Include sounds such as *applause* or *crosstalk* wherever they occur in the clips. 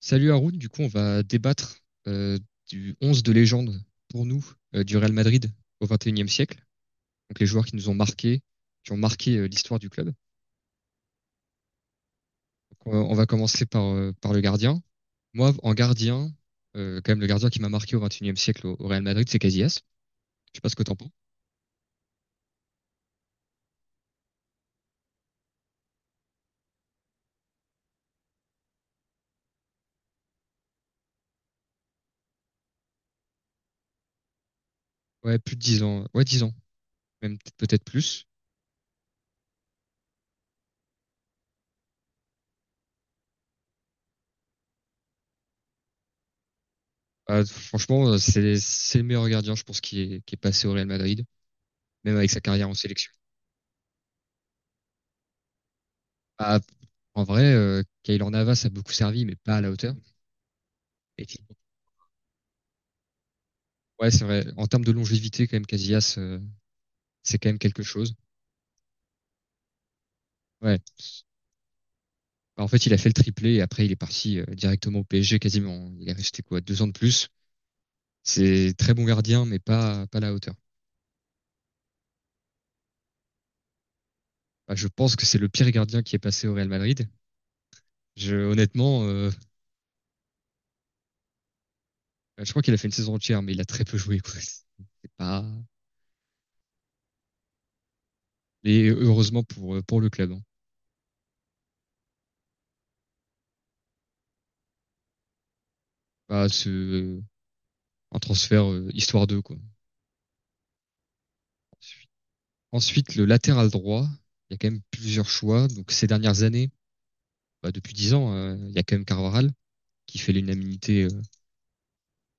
Salut Haroun, du coup on va débattre du 11 de légende pour nous du Real Madrid au 21e siècle, donc les joueurs qui nous ont marqués, qui ont marqué l'histoire du club. Donc, on va commencer par, par le gardien. Moi en gardien, quand même le gardien qui m'a marqué au 21e siècle au Real Madrid, c'est Casillas. Je sais pas ce que t'en penses. Ouais, plus de 10 ans. Ouais, 10 ans, même peut-être plus. Franchement, c'est le meilleur gardien, je pense, qui est passé au Real Madrid, même avec sa carrière en sélection. Bah, en vrai, Keylor Navas a beaucoup servi, mais pas à la hauteur. Et puis, ouais, c'est vrai. En termes de longévité, quand même, Casillas, c'est quand même quelque chose. Ouais. Bah, en fait, il a fait le triplé et après, il est parti directement au PSG quasiment. Il est resté quoi, 2 ans de plus. C'est très bon gardien, mais pas à la hauteur. Bah, je pense que c'est le pire gardien qui est passé au Real Madrid. Honnêtement, bah, je crois qu'il a fait une saison entière, mais il a très peu joué, quoi. *laughs* C'est pas. Et heureusement pour le club, hein. Bah, c'est un transfert histoire d'eux, quoi. Ensuite, le latéral droit, il y a quand même plusieurs choix. Donc ces dernières années, bah, depuis 10 ans, il y a quand même Carvajal qui fait l'unanimité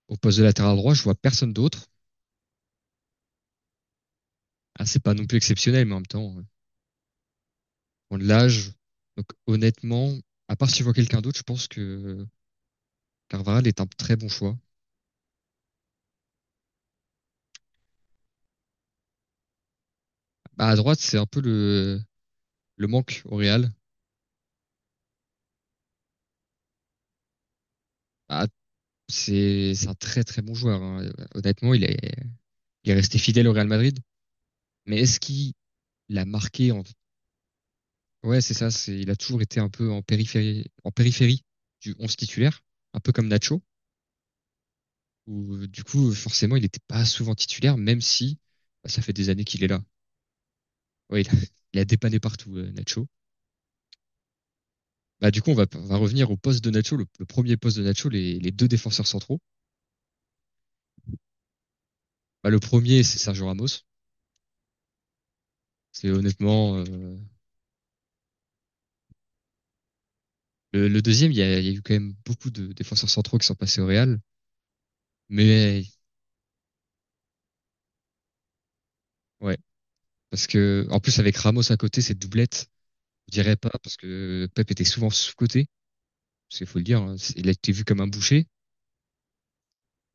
au poste de latéral droit. Je vois personne d'autre. Ah, c'est pas non plus exceptionnel, mais en même temps, on l'âge. Donc honnêtement, à part si je vois quelqu'un d'autre, je pense que Carvajal est un très bon choix. Bah, à droite, c'est un peu le manque au Real. Bah, c'est un très très bon joueur, hein. Honnêtement, il est resté fidèle au Real Madrid. Mais est-ce qu'il a marqué en? Ouais, c'est ça. Il a toujours été un peu en périphérie du 11 titulaire, un peu comme Nacho, où du coup, forcément, il n'était pas souvent titulaire, même si bah, ça fait des années qu'il est là. Ouais, il a, *laughs* il a dépanné partout, Nacho. Bah, du coup, on va revenir au poste de Nacho, le premier poste de Nacho, les deux défenseurs centraux. Bah, le premier, c'est Sergio Ramos. C'est honnêtement le deuxième. Il y a eu quand même beaucoup de défenseurs centraux qui sont passés au Real, mais ouais, parce que en plus avec Ramos à côté, cette doublette. Je dirais pas parce que Pep était souvent sous-coté, parce qu'il faut le dire, hein, il a été vu comme un boucher.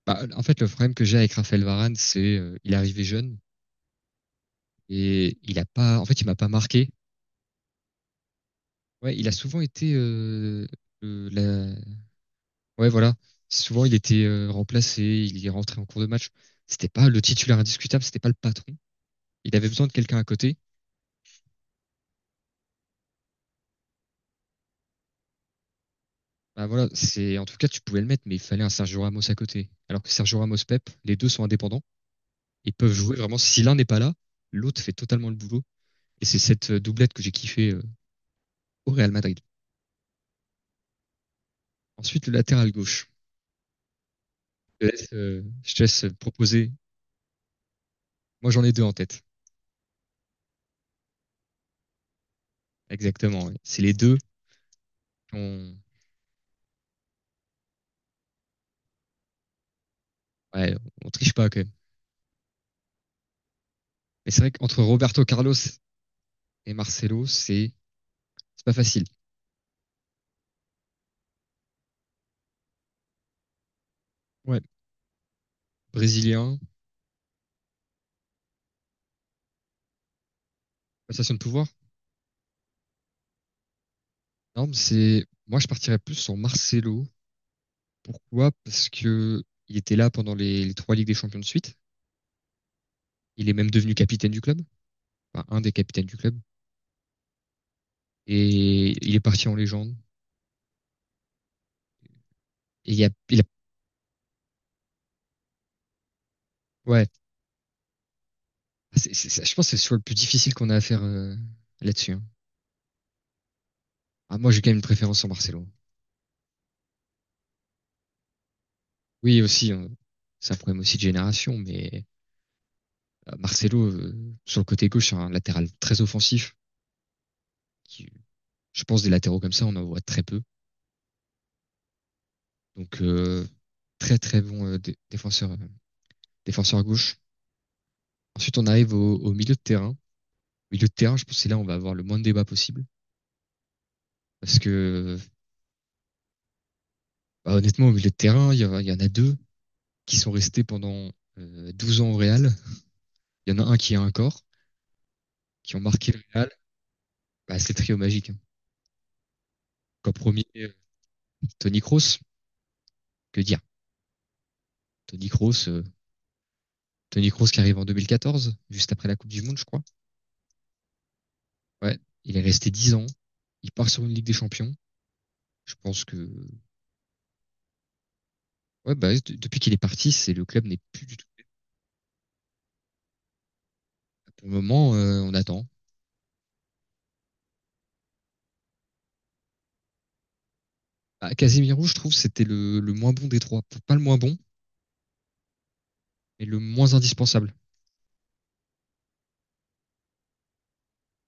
Bah, en fait, le problème que j'ai avec Raphaël Varane, c'est il est arrivé jeune et il a pas, en fait, il m'a pas marqué. Ouais, il a souvent été, euh, la... ouais, voilà, souvent il était remplacé, il est rentré en cours de match. C'était pas le titulaire indiscutable, c'était pas le patron. Il avait besoin de quelqu'un à côté. Bah voilà, c'est en tout cas tu pouvais le mettre, mais il fallait un Sergio Ramos à côté. Alors que Sergio Ramos Pep, les deux sont indépendants. Et peuvent jouer vraiment. Si l'un n'est pas là, l'autre fait totalement le boulot. Et c'est cette doublette que j'ai kiffée au Real Madrid. Ensuite, le latéral gauche. Je te laisse proposer. Moi, j'en ai deux en tête. Exactement. Ouais. C'est les deux. On, ouais, on triche pas quand même. Mais c'est vrai qu'entre Roberto Carlos et Marcelo, c'est pas facile. Ouais. Brésilien, passation de pouvoir. Non, mais c'est moi, je partirais plus sur Marcelo. Pourquoi? Parce que il était là pendant les trois Ligues des Champions de suite. Il est même devenu capitaine du club. Enfin, un des capitaines du club. Et il est parti en légende. Et il y a, il a- ouais, je pense que c'est sur le plus difficile qu'on a à faire là-dessus, hein. Ah, moi, j'ai quand même une préférence en Marcelo. Oui, aussi, c'est un problème aussi de génération, mais Marcelo, sur le côté gauche, c'est un latéral très offensif. Qui, je pense des latéraux comme ça, on en voit très peu. Donc, très très bon défenseur, défenseur gauche. Ensuite, on arrive au milieu de terrain. Au milieu de terrain, je pense que c'est là où on va avoir le moins de débat possible. Parce que, bah, honnêtement, au milieu de terrain, il y en a deux qui sont restés pendant 12 ans au Real. Il y en a un qui a un corps, qui ont marqué le Real. Bah, c'est le trio magique, hein. Qu'en premier, Toni Kroos, que dire Toni Kroos, Tony Kroos qui arrive en 2014, juste après la Coupe du Monde, je crois. Ouais, il est resté 10 ans. Il part sur une Ligue des Champions. Je pense que ouais, bah, depuis qu'il est parti, c'est le club n'est plus du tout. Pour le moment, on attend. Bah, Casemiro, je trouve, c'était le moins bon des trois. Pas le moins bon, mais le moins indispensable.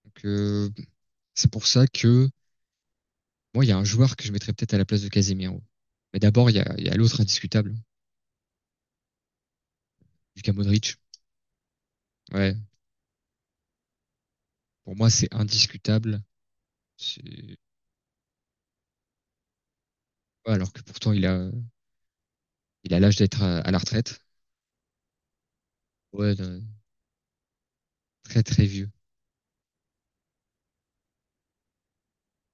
Donc, c'est pour ça que moi, il y a un joueur que je mettrais peut-être à la place de Casemiro. Mais d'abord, il y a l'autre indiscutable, Lucas Modric. Ouais, pour moi, c'est indiscutable. Ouais, alors que pourtant, il a l'âge d'être à la retraite. Ouais, très très vieux.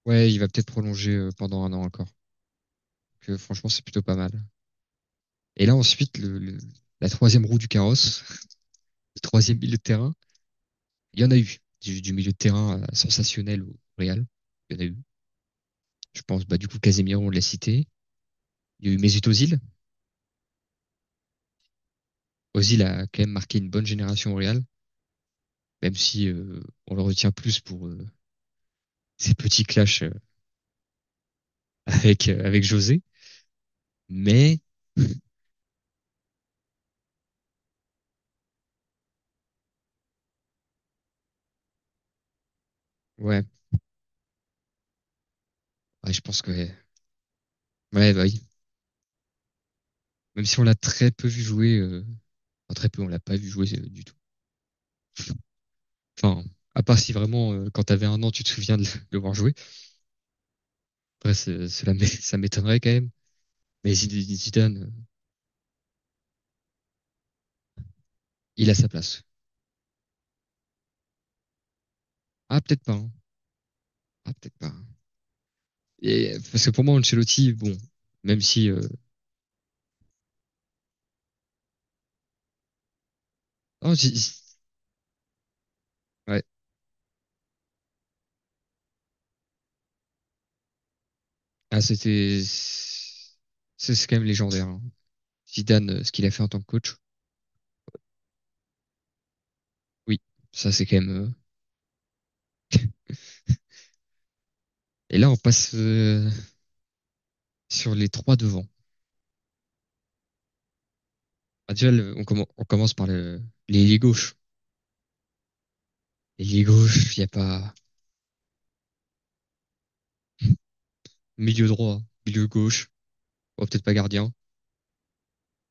Ouais, il va peut-être prolonger pendant un an encore. Que franchement, c'est plutôt pas mal. Et là, ensuite, la troisième roue du carrosse, *laughs* le troisième milieu de terrain, il y en a eu. Du milieu de terrain sensationnel au Real. Il y en a eu. Je pense, bah, du coup, Casemiro, on l'a cité. Il y a eu Mesut Özil. Ozil a quand même marqué une bonne génération au Real, même si on le retient plus pour ses petits clashs avec José. Mais *clears throat* ouais, ouais, je pense que ouais, ouais, bah oui. Même si on l'a très peu vu jouer, enfin, très peu, on l'a pas vu jouer du tout. Enfin, à part si vraiment quand t'avais 1 an, tu te souviens de le voir jouer. Après, ça m'étonnerait quand même. Mais Zidane, il a sa place. Ah peut-être pas, hein. Ah peut-être pas, hein. Et parce que pour moi, Ancelotti, bon, même si Oh, ouais. Ah, c'est quand même légendaire, hein. Zidane, ce qu'il a fait en tant que coach. Oui, ça c'est quand même. Et là, on passe sur les trois devant. Ah, déjà, on commence par l'ailier gauche. L'ailier gauche, il n'y a pas. Milieu droit, milieu gauche. Bon, peut-être pas gardien,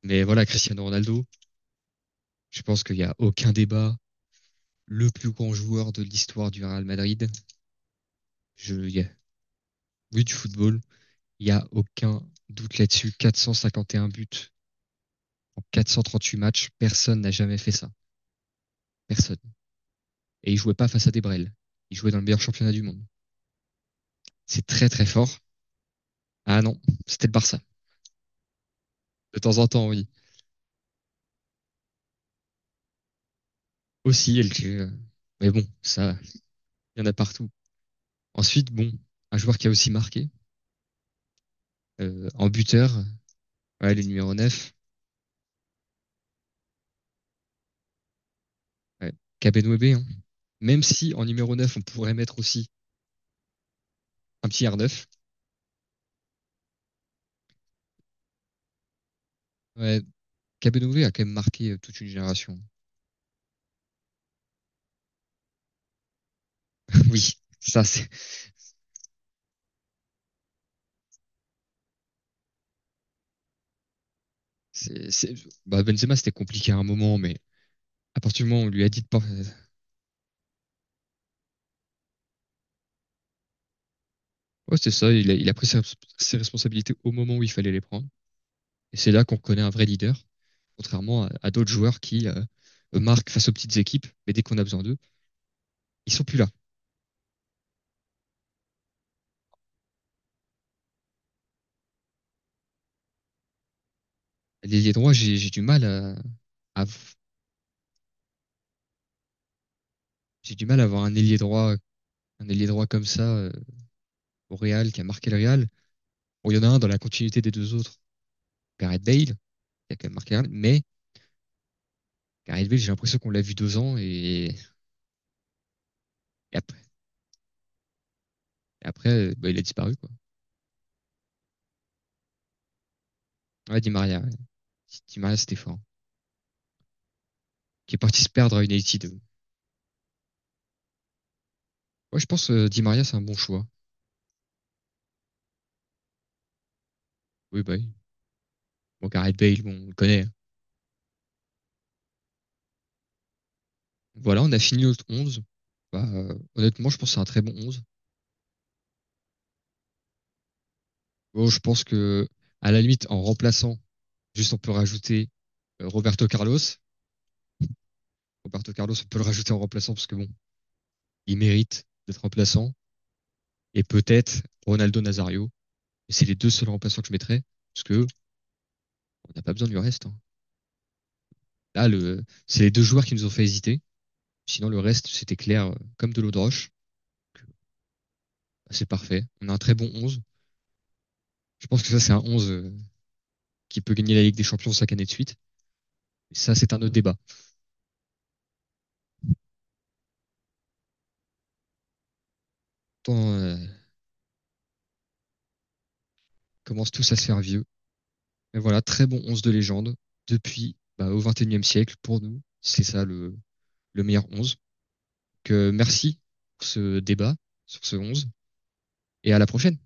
mais voilà, Cristiano Ronaldo. Je pense qu'il n'y a aucun débat. Le plus grand joueur de l'histoire du Real Madrid. Je... il y a- Oui, du football. Il n'y a aucun doute là-dessus. 451 buts en 438 matchs, personne n'a jamais fait ça. Personne. Et il jouait pas face à des Brels. Il jouait dans le meilleur championnat du monde. C'est très très fort. Ah non, c'était le Barça. De temps en temps, oui. Aussi, LG. Mais bon, ça, il y en a partout. Ensuite, bon, un joueur qui a aussi marqué, en buteur, ouais, le numéro 9, ouais, Kabenwebe, hein. Même si en numéro 9, on pourrait mettre aussi un petit R9, ouais, Kabenwebe a quand même marqué toute une génération. *laughs* Oui, ça, c'est, c'est- bah, Benzema, c'était compliqué à un moment, mais à partir du moment où on lui a dit de pas. Ouais, c'est ça, il a pris ses responsabilités au moment où il fallait les prendre. Et c'est là qu'on connaît un vrai leader, contrairement à d'autres joueurs qui marquent face aux petites équipes, mais dès qu'on a besoin d'eux, ils sont plus là. L'ailier droit, à- j'ai du mal à avoir un ailier droit comme ça au Real qui a marqué le Real. Bon, il y en a un dans la continuité des deux autres, Gareth Bale, qui a quand même marqué le Real, mais Gareth Bale, j'ai l'impression qu'on l'a vu 2 ans et après, et après, bah, il a disparu quoi. Ouais. Di Maria c'était fort. Qui est parti se perdre à United. Moi, je pense Di Maria, c'est un bon choix. Oui, bah, oui. Bon, Gareth Bale, bon, on le connaît. Voilà, on a fini notre 11. Bah, honnêtement, je pense que c'est un très bon 11. Bon, je pense que, à la limite, en remplaçant, juste on peut rajouter Roberto Carlos. Roberto Carlos, on peut le rajouter en remplaçant parce que bon, il mérite d'être remplaçant. Et peut-être Ronaldo Nazario. Et c'est les deux seuls remplaçants que je mettrais parce que on n'a pas besoin du reste, hein. Là, c'est les deux joueurs qui nous ont fait hésiter. Sinon, le reste, c'était clair comme de l'eau de roche. C'est parfait. On a un très bon 11. Je pense que ça, c'est un 11 qui peut gagner la Ligue des Champions 5 années de suite. Et ça, c'est un autre débat. Tant commencent tous à se faire vieux. Mais voilà, très bon 11 de légende depuis bah, au 21e siècle pour nous. C'est ça le meilleur 11. Que merci pour ce débat sur ce 11 et à la prochaine.